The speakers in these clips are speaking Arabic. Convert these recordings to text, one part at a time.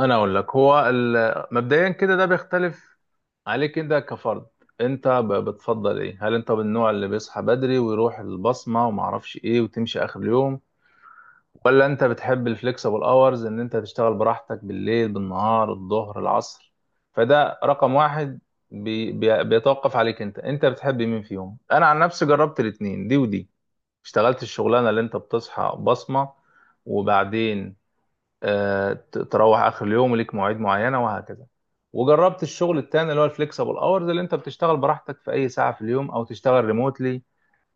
انا اقول لك هو مبدئيا كده ده بيختلف عليك انت كفرد. انت بتفضل ايه؟ هل انت من النوع اللي بيصحى بدري ويروح البصمه وما اعرفش ايه وتمشي اخر اليوم، ولا انت بتحب الفليكسبل اورز ان انت تشتغل براحتك بالليل بالنهار الظهر العصر؟ فده رقم واحد. بي بي بيتوقف عليك انت بتحب مين فيهم؟ انا عن نفسي جربت الاتنين، دي ودي. اشتغلت الشغلانه اللي انت بتصحى بصمه وبعدين تروح اخر اليوم وليك مواعيد معينه وهكذا. وجربت الشغل التاني اللي هو الفليكسبل اورز، اللي انت بتشتغل براحتك في اي ساعه في اليوم او تشتغل ريموتلي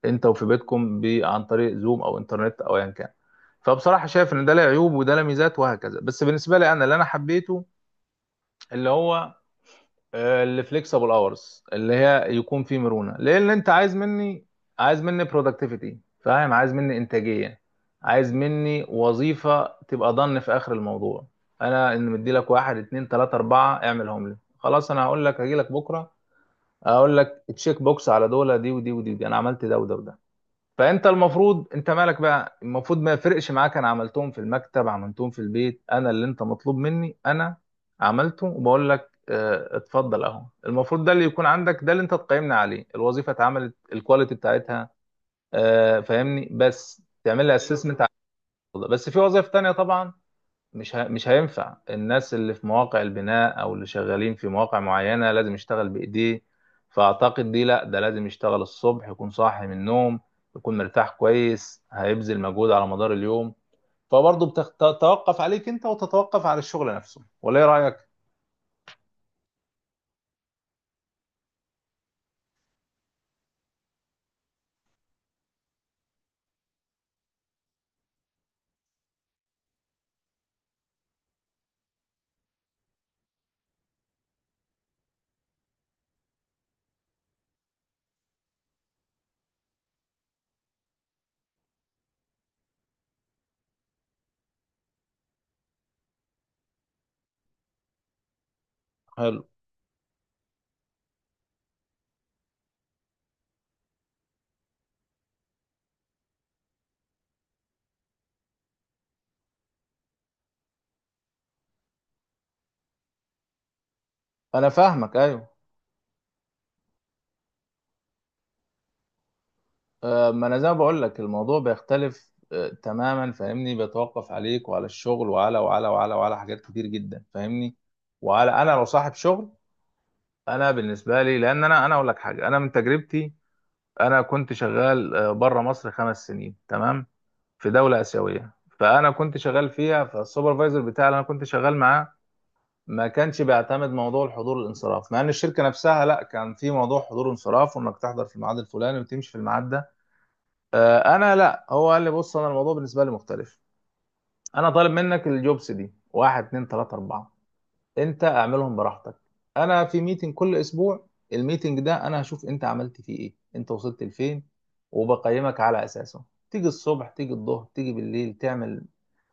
انت وفي بيتكم عن طريق زوم او انترنت او ايا كان. فبصراحه شايف ان ده له عيوب وده له ميزات وهكذا، بس بالنسبه لي انا اللي انا حبيته اللي هو اللي فليكسبل اورز، اللي هي يكون فيه مرونه. لان انت عايز مني، عايز مني برودكتيفيتي، فاهم؟ عايز مني انتاجيه، عايز مني وظيفه تبقى ضن في اخر الموضوع. انا ان مدي لك واحد اتنين تلاته اربعه، اعملهم لي خلاص. انا هقول لك هجي لك بكره، اقول لك تشيك بوكس على دول، دي ودي ودي، ودي. انا عملت ده وده وده. فانت المفروض، انت مالك بقى؟ المفروض ما يفرقش معاك انا عملتهم في المكتب عملتهم في البيت. انا اللي انت مطلوب مني انا عملته، وبقول لك اتفضل اهو. المفروض ده اللي يكون عندك، ده اللي انت تقيمنا عليه، الوظيفه اتعملت، الكواليتي بتاعتها فاهمني، بس تعمل لي ايوه اسسمنت. بس في وظائف تانية طبعا. مش هينفع الناس اللي في مواقع البناء او اللي شغالين في مواقع معينة لازم يشتغل بايديه. فاعتقد دي لا، ده لازم يشتغل الصبح، يكون صاحي من النوم، يكون مرتاح كويس، هيبذل مجهود على مدار اليوم. فبرضه بتتوقف عليك انت، وتتوقف على الشغل نفسه. ولا ايه رأيك؟ حلو. انا فاهمك، ايوه. ما انا زي ما بقول لك الموضوع بيختلف تماما، فاهمني؟ بيتوقف عليك وعلى الشغل وعلى حاجات كتير جدا، فاهمني؟ وعلى انا لو صاحب شغل. انا بالنسبه لي، لان انا اقول لك حاجه، انا من تجربتي: انا كنت شغال بره مصر 5 سنين، تمام؟ في دوله اسيويه. فانا كنت شغال فيها، فالسوبرفايزر بتاعي اللي انا كنت شغال معاه ما كانش بيعتمد موضوع الحضور الانصراف. مع ان الشركه نفسها لا، كان في موضوع حضور انصراف، وانك تحضر في الميعاد الفلاني وتمشي في الميعاد ده. انا لا، هو قال لي بص، انا الموضوع بالنسبه لي مختلف. انا طالب منك الجوبس دي: واحد اتنين تلاته اربعه. انت اعملهم براحتك. انا في ميتنج كل اسبوع، الميتنج ده انا هشوف انت عملت فيه ايه، انت وصلت لفين، وبقيمك على اساسه. تيجي الصبح، تيجي الظهر، تيجي بالليل، تعمل.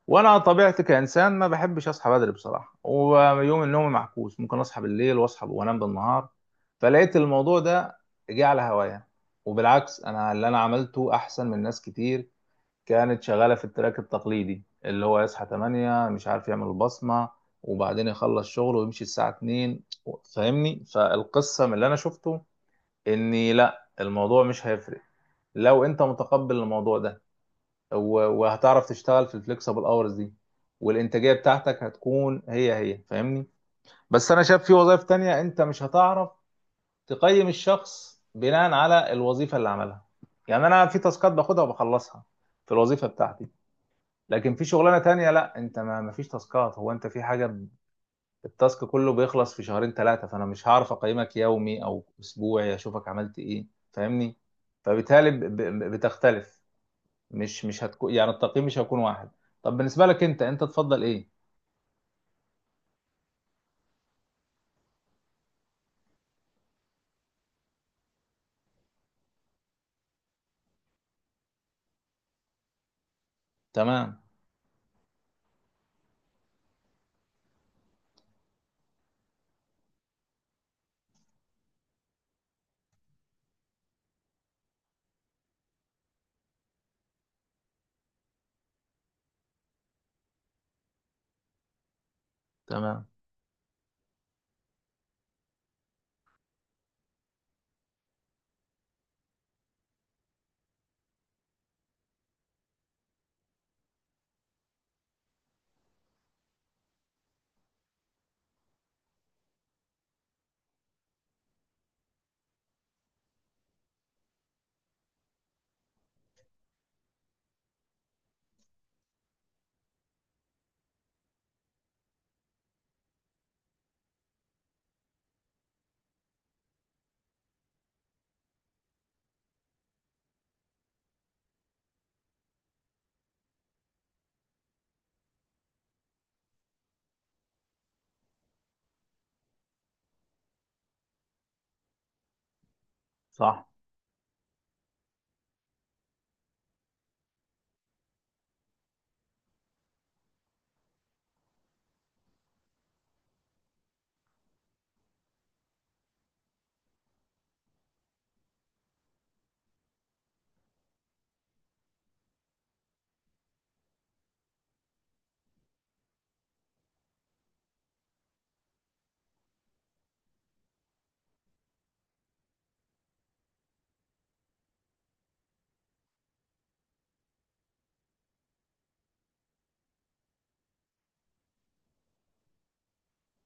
وانا طبيعتي كانسان ما بحبش اصحى بدري بصراحه، ويوم النوم معكوس، ممكن اصحى بالليل واصحى وانام بالنهار. فلقيت الموضوع ده جه على هوايا. وبالعكس انا اللي انا عملته احسن من ناس كتير كانت شغالة في التراك التقليدي، اللي هو يصحى 8 مش عارف يعمل البصمة وبعدين يخلص شغله ويمشي الساعة 2. فاهمني؟ فالقصة من اللي أنا شفته إني لا، الموضوع مش هيفرق لو أنت متقبل الموضوع ده، وهتعرف تشتغل في الفليكسبل اورز دي، والإنتاجية بتاعتك هتكون هي هي، فاهمني؟ بس أنا شايف في وظائف تانية أنت مش هتعرف تقيم الشخص بناء على الوظيفة اللي عملها. يعني أنا في تاسكات باخدها وبخلصها في الوظيفة بتاعتي، لكن في شغلانه تانية لا، انت ما فيش تاسكات. هو انت في حاجه التاسك كله بيخلص في 2 3 شهور، فانا مش هعرف اقيمك يومي او اسبوعي اشوفك عملت ايه، فاهمني؟ فبالتالي بتختلف. مش هتكون يعني، التقييم مش هيكون واحد. طب بالنسبه لك انت، انت تفضل ايه؟ تمام. تمام. صح.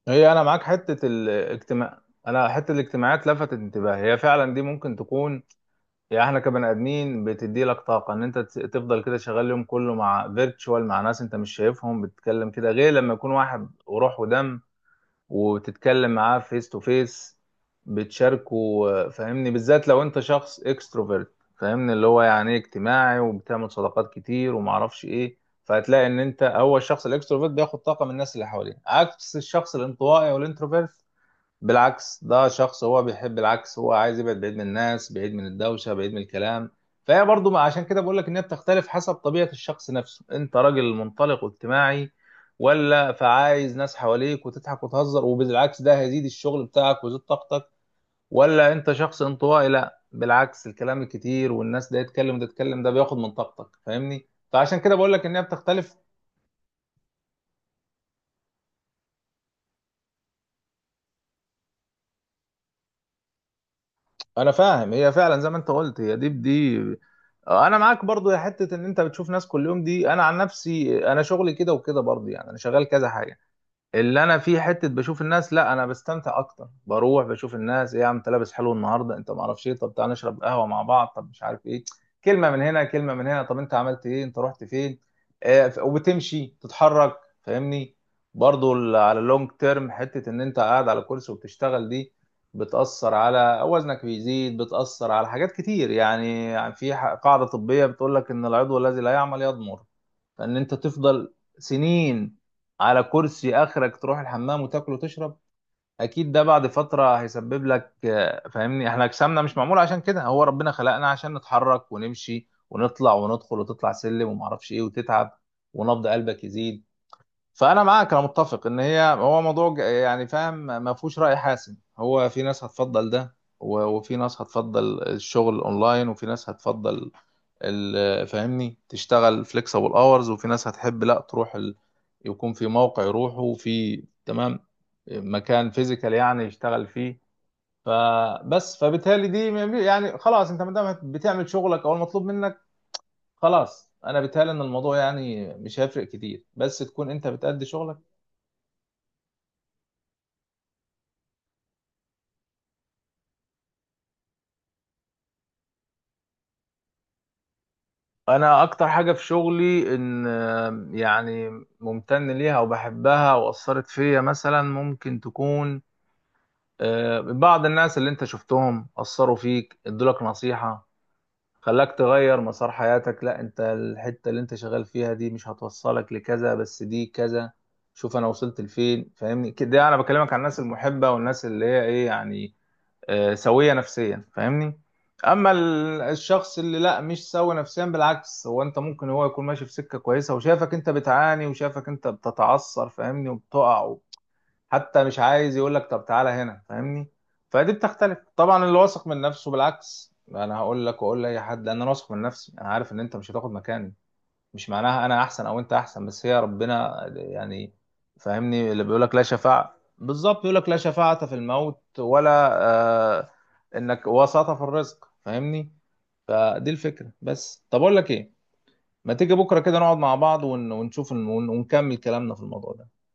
هي انا معاك حته الاجتماع، انا حته الاجتماعات لفتت انتباهي، هي فعلا دي ممكن تكون، يعني احنا كبني ادمين بتدي لك طاقه. ان انت تفضل كده شغال اليوم كله مع فيرتشوال، مع ناس انت مش شايفهم، بتتكلم كده غير لما يكون واحد وروح ودم وتتكلم معاه فيس تو فيس، بتشاركه. فاهمني؟ بالذات لو انت شخص اكستروفيرت، فاهمني؟ اللي هو يعني إيه، اجتماعي وبتعمل صداقات كتير ومعرفش ايه. فهتلاقي ان انت هو الشخص الاكستروفيرت بياخد طاقه من الناس اللي حواليه، عكس الشخص الانطوائي والانتروفيرت. بالعكس، ده شخص هو بيحب العكس، هو عايز يبعد بعيد من الناس، بعيد من الدوشة، بعيد من الكلام. فهي برضو عشان كده بقول لك انها بتختلف حسب طبيعة الشخص نفسه. انت راجل منطلق واجتماعي ولا، فعايز ناس حواليك وتضحك وتهزر، وبالعكس ده هيزيد الشغل بتاعك ويزيد طاقتك. ولا انت شخص انطوائي، لا بالعكس، الكلام الكتير والناس ده يتكلم وده يتكلم ده بياخد من طاقتك، فاهمني؟ فعشان كده بقول لك انها بتختلف. انا فاهم. هي فعلا زي ما انت قلت، هي دي بدي. انا معاك برضو يا حته ان انت بتشوف ناس كل يوم دي. انا عن نفسي انا شغلي كده وكده برضو، يعني انا شغال كذا حاجه اللي انا فيه، حته بشوف الناس. لا انا بستمتع اكتر، بروح بشوف الناس، ايه يا عم انت لابس حلو النهارده، انت ما اعرفش ايه، طب تعالى نشرب قهوه مع بعض، طب مش عارف ايه، كلمه من هنا كلمه من هنا، طب انت عملت ايه، انت رحت فين. آه وبتمشي تتحرك، فاهمني؟ برضو على اللونج تيرم، حته ان انت قاعد على كرسي وبتشتغل دي، بتاثر على وزنك بيزيد، بتاثر على حاجات كتير. يعني في قاعده طبيه بتقول لك ان العضو الذي لا يعمل يضمر. فان انت تفضل سنين على كرسي اخرك تروح الحمام وتاكل وتشرب، اكيد ده بعد فتره هيسبب لك فاهمني؟ احنا جسمنا مش معمول عشان كده، هو ربنا خلقنا عشان نتحرك ونمشي ونطلع وندخل، وتطلع سلم ومعرفش ايه وتتعب ونبض قلبك يزيد. فانا معاك، انا متفق ان هي، هو موضوع يعني فاهم ما فيهوش راي حاسم. هو في ناس هتفضل ده، وفي ناس هتفضل الشغل اونلاين، وفي ناس هتفضل فاهمني تشتغل فليكسبل اورز، وفي ناس هتحب لا تروح يكون في موقع يروحوا في، تمام؟ مكان فيزيكال يعني يشتغل فيه. فبس فبالتالي دي ما بي- يعني خلاص، انت ما دام بتعمل شغلك او المطلوب منك، خلاص انا بالتالي ان الموضوع يعني مش هيفرق كتير، بس تكون انت بتأدي شغلك. انا اكتر حاجة في شغلي ان يعني ممتن ليها وبحبها واثرت فيا، مثلا ممكن تكون بعض الناس اللي انت شفتهم اثروا فيك، ادولك نصيحة خلاك تغير مسار حياتك، لا انت الحتة اللي انت شغال فيها دي مش هتوصلك لكذا، بس دي كذا، شوف انا وصلت لفين. فاهمني كده؟ انا بكلمك عن الناس المحبة والناس اللي هي ايه يعني، سوية نفسيا، فاهمني؟ اما الشخص اللي لا مش سوي نفسيا، بالعكس هو، انت ممكن هو يكون ماشي في سكة كويسة وشافك انت بتعاني وشافك انت بتتعثر، فاهمني؟ وبتقع، حتى مش عايز يقول لك طب تعالى هنا، فاهمني؟ فدي بتختلف طبعا. اللي واثق من نفسه بالعكس، انا هقول لك واقول لاي حد ان انا واثق من نفسي، انا عارف ان انت مش هتاخد مكاني. مش معناها انا احسن او انت احسن، بس هي ربنا يعني، فاهمني؟ اللي بيقول لك لا شفاعة، بالظبط، يقول لك لا شفاعة في الموت، ولا آه انك وساطة في الرزق، فاهمني؟ فدي الفكرة. بس طب اقول لك ايه، ما تيجي بكرة كده نقعد مع بعض ونشوف ونكمل كلامنا في الموضوع ده.